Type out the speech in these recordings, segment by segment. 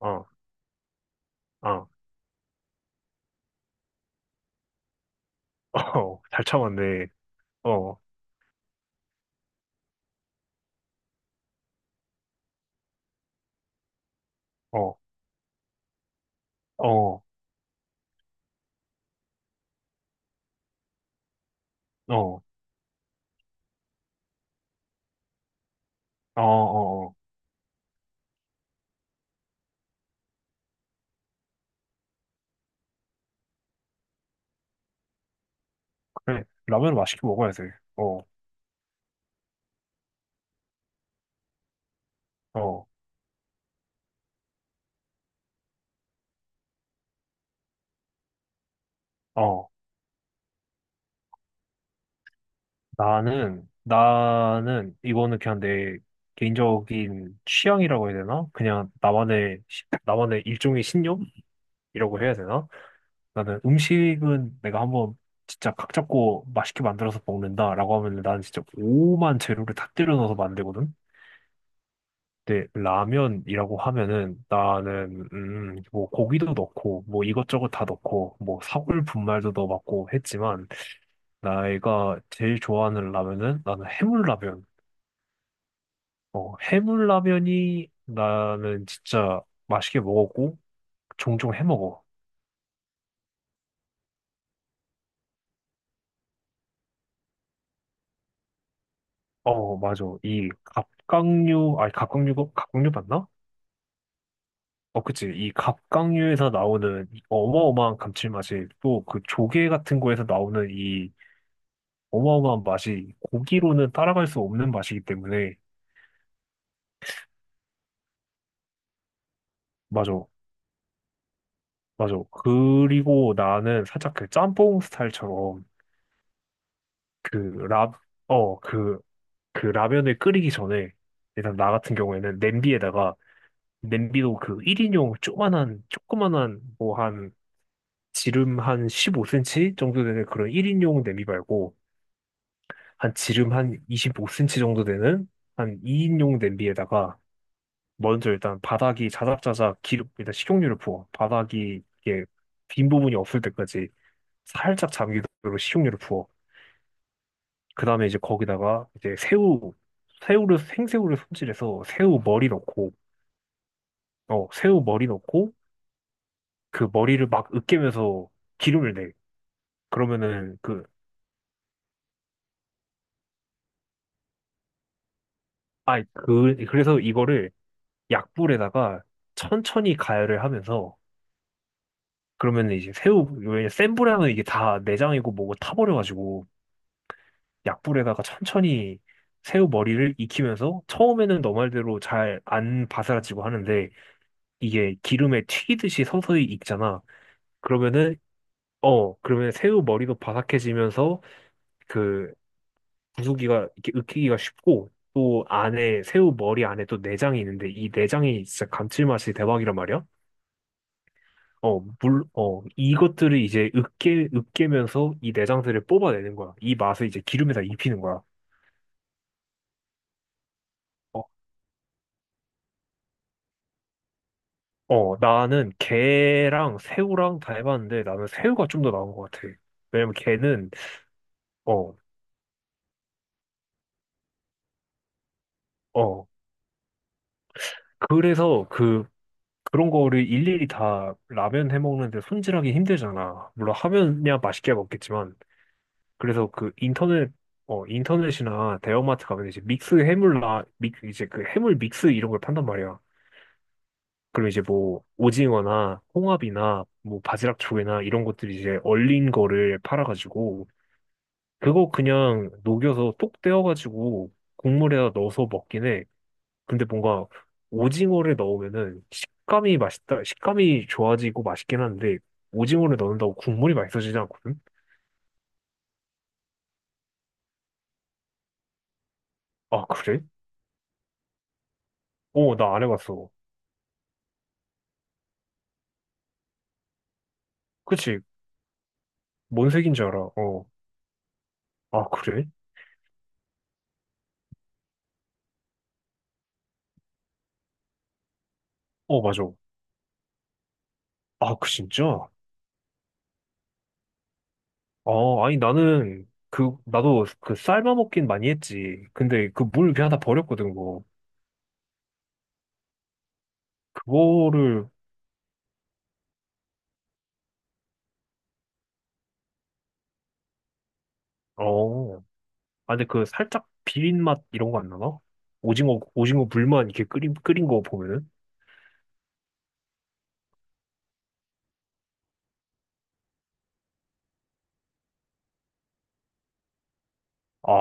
어, 어, 어, 잘 참았네. 어, 어, 어, 어, 어, 어, 어. 어. 그래, 라면을 맛있게 먹어야 돼. 어, 어, 어. 나는, 이거는 그냥 내 개인적인 취향이라고 해야 되나? 그냥 나만의, 나만의 일종의 신념이라고 해야 되나? 나는 음식은 내가 한번 진짜 각 잡고 맛있게 만들어서 먹는다라고 하면 나는 진짜 오만 재료를 다 때려 넣어서 만들거든? 근데 라면이라고 하면은 나는 뭐 고기도 넣고 뭐 이것저것 다 넣고 뭐 사골 분말도 넣어봤고 했지만 내가 제일 좋아하는 라면은 나는 해물라면. 어, 해물라면이 나는 진짜 맛있게 먹었고 종종 해 먹어. 어, 맞아. 이 갑각류, 아니 갑각류가 갑각류 맞나? 어, 그치. 이 갑각류에서 나오는 이 어마어마한 감칠맛이 또 그 조개 같은 거에서 나오는 이 어마어마한 맛이 고기로는 따라갈 수 없는 맛이기 때문에. 맞아, 맞아. 그리고 나는 살짝 그 짬뽕 스타일처럼, 그라어그 그 그 라면을 끓이기 전에 일단 나 같은 경우에는 냄비에다가, 냄비도 그 1인용 조그만한 뭐 한 지름 한 15cm 정도 되는 그런 1인용 냄비 말고 한 지름 한 25cm 정도 되는 한 2인용 냄비에다가 먼저 일단 바닥이 자작자작 기름, 일단 식용유를 부어. 바닥이 이게 빈 부분이 없을 때까지 살짝 잠기도록 식용유를 부어. 그 다음에 이제 거기다가 이제 새우를, 생새우를 손질해서 새우 머리 넣고, 어, 새우 머리 넣고, 그 머리를 막 으깨면서 기름을 내. 그러면은 그래서 이거를 약불에다가 천천히 가열을 하면서, 그러면 이제 새우, 왜냐, 센 불에 하면 이게 다 내장이고 뭐고 타버려가지고, 약불에다가 천천히 새우 머리를 익히면서 처음에는 너 말대로 잘 안 바스라지고 하는데 이게 기름에 튀기듯이 서서히 익잖아. 그러면은, 어, 그러면 새우 머리도 바삭해지면서 그 부수기가, 이렇게 익히기가 쉽고 또 안에 새우 머리 안에 또 내장이 있는데 이 내장이 진짜 감칠맛이 대박이란 말이야. 어, 물, 어, 이것들을 이제 으깨면서 이 내장들을 뽑아내는 거야. 이 맛을 이제 기름에다 입히는 거야. 어, 어, 나는 게랑 새우랑 다 해봤는데 나는 새우가 좀 더 나은 것 같아. 왜냐면 게는, 어, 어. 그래서 그런 거를 일일이 다 라면 해 먹는데 손질하기 힘들잖아. 물론 하면야 맛있게 먹겠지만. 그래서 인터넷이나 대형마트 가면 이제 믹스 해물 라, 믹, 이제 그 해물 믹스 이런 걸 판단 말이야. 그럼 이제 뭐 오징어나 홍합이나 뭐 바지락 조개나 이런 것들이 이제 얼린 거를 팔아가지고 그거 그냥 녹여서 똑 떼어가지고 국물에다 넣어서 먹긴 해. 근데 뭔가 오징어를 넣으면은 식감이 좋아지고 맛있긴 한데 오징어를 넣는다고 국물이 맛있어지지 않거든? 아, 그래? 어, 나 안 해봤어. 그치? 뭔 색인 줄 알아. 어. 아, 그래? 어, 맞아. 아, 그 진짜? 아, 아니 나는 나도 그 삶아 먹긴 많이 했지. 근데 그 물 그냥 다 버렸거든, 그거. 그거를, 어. 아, 근데 그 살짝 비린 맛 이런 거 안 나나? 오징어, 오징어 물만 이렇게 끓인 거 보면은? 아,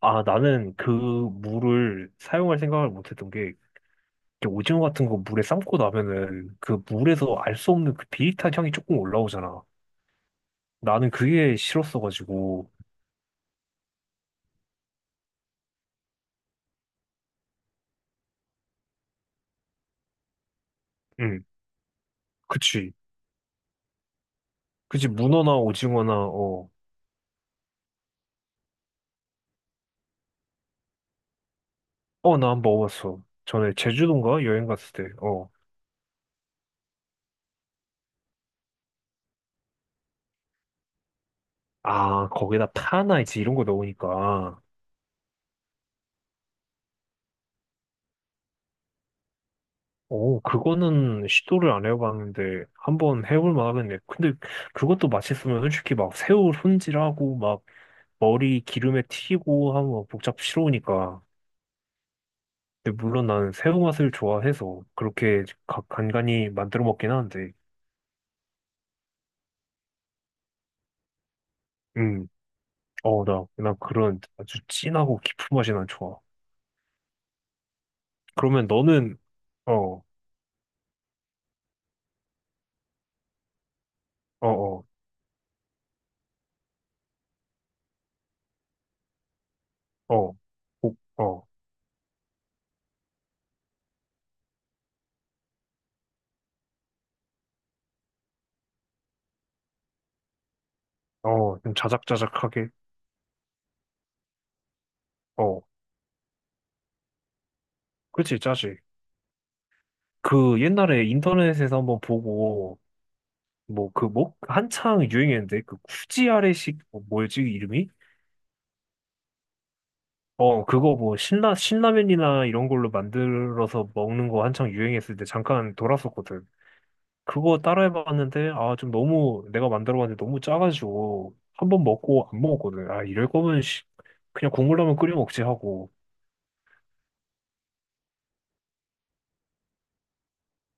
아, 나는 그 물을 사용할 생각을 못 했던 게, 이렇게 오징어 같은 거 물에 삶고 나면은 그 물에서 알 수 없는 그 비릿한 향이 조금 올라오잖아. 나는 그게 싫었어가지고, 응, 그치. 그치, 문어나 오징어나, 어, 어, 나 한 번 먹어봤어. 전에 제주도인가 여행 갔을 때, 어. 아, 거기다 파나 이제 이런 거 넣으니까. 오, 그거는 시도를 안 해봤는데 한번 해볼 만하겠네. 근데 그것도 맛있으면 솔직히 막 새우 손질하고 막 머리 기름에 튀고 하면 막 복잡스러우니까. 근데 물론 나는 새우 맛을 좋아해서 그렇게 간간히 만들어 먹긴 하는데. 음, 어, 나, 난 그런 아주 진하고 깊은 맛이 난 좋아. 그러면 너는, 어, 어, 어, 어, 복, 어, 어, 좀 자작자작하게. 어, 그렇지, 짜지. 그 옛날에 인터넷에서 한번 보고 뭐 그 뭐 한창 유행했는데 그 쿠지 아래식 뭐 뭐였지 이름이? 어, 그거 뭐 신라 신라면이나 이런 걸로 만들어서 먹는 거 한창 유행했을 때 잠깐 돌았었거든. 그거 따라해봤는데, 아, 좀 너무, 내가 만들어봤는데 너무 짜가지고 한 번 먹고 안 먹었거든. 아, 이럴 거면 씨, 그냥 국물라면 끓여 먹지 하고.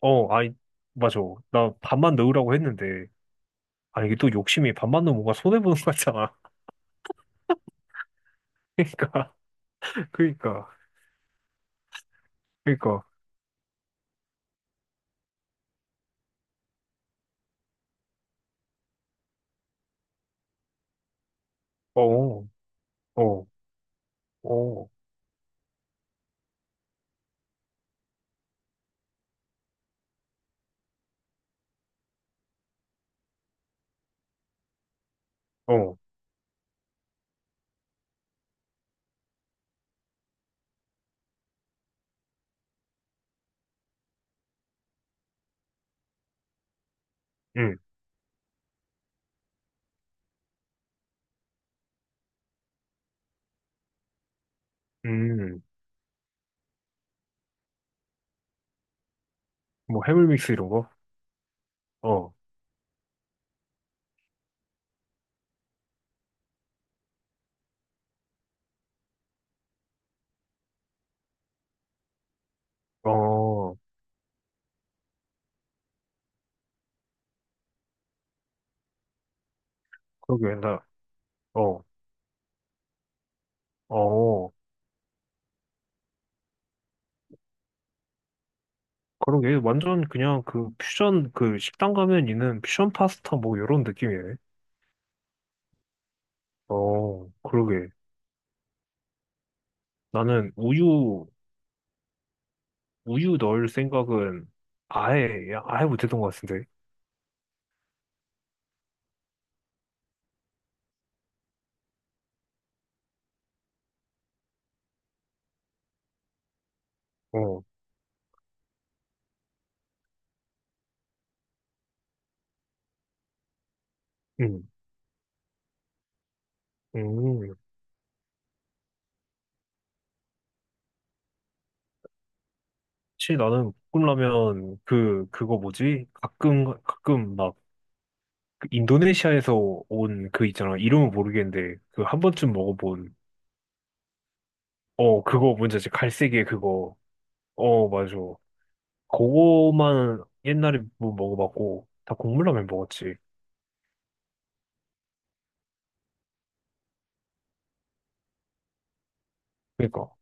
어, 아니, 맞아. 나 밥만 넣으라고 했는데, 아, 이게 또 욕심이 밥만 넣으면 뭔가 손해 보는 거 같잖아. 그러니까. 그러니까. 그러니까. 어, 어. 어, 어, 응, 음, 뭐 해물믹스 이런 거? 어, 어, 그러게, 나, 어, 어, 그러게, 완전 그냥 그 퓨전, 그 식당 가면 있는 퓨전 파스타 뭐 이런 느낌이네. 어, 그러게. 나는 우유, 우유 넣을 생각은 아예 못했던 것 같은데. 어, 음, 음. 사실 나는 볶음라면 그, 그거 뭐지? 가끔 막 그 인도네시아에서 온 그 있잖아. 이름은 모르겠는데, 그 한 번쯤 먹어본, 어, 그거 뭔지 알지? 갈색의 그거. 어, 맞아. 그거만 옛날에 뭐 먹어봤고, 다 국물라면 먹었지. 그러니까.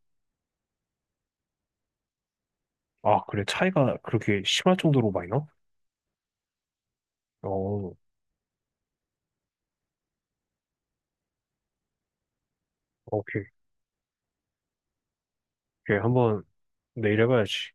아, 그래. 차이가 그렇게 심할 정도로 많이 나? 어, 오케이. 오케이. 한번 내일 해봐야지.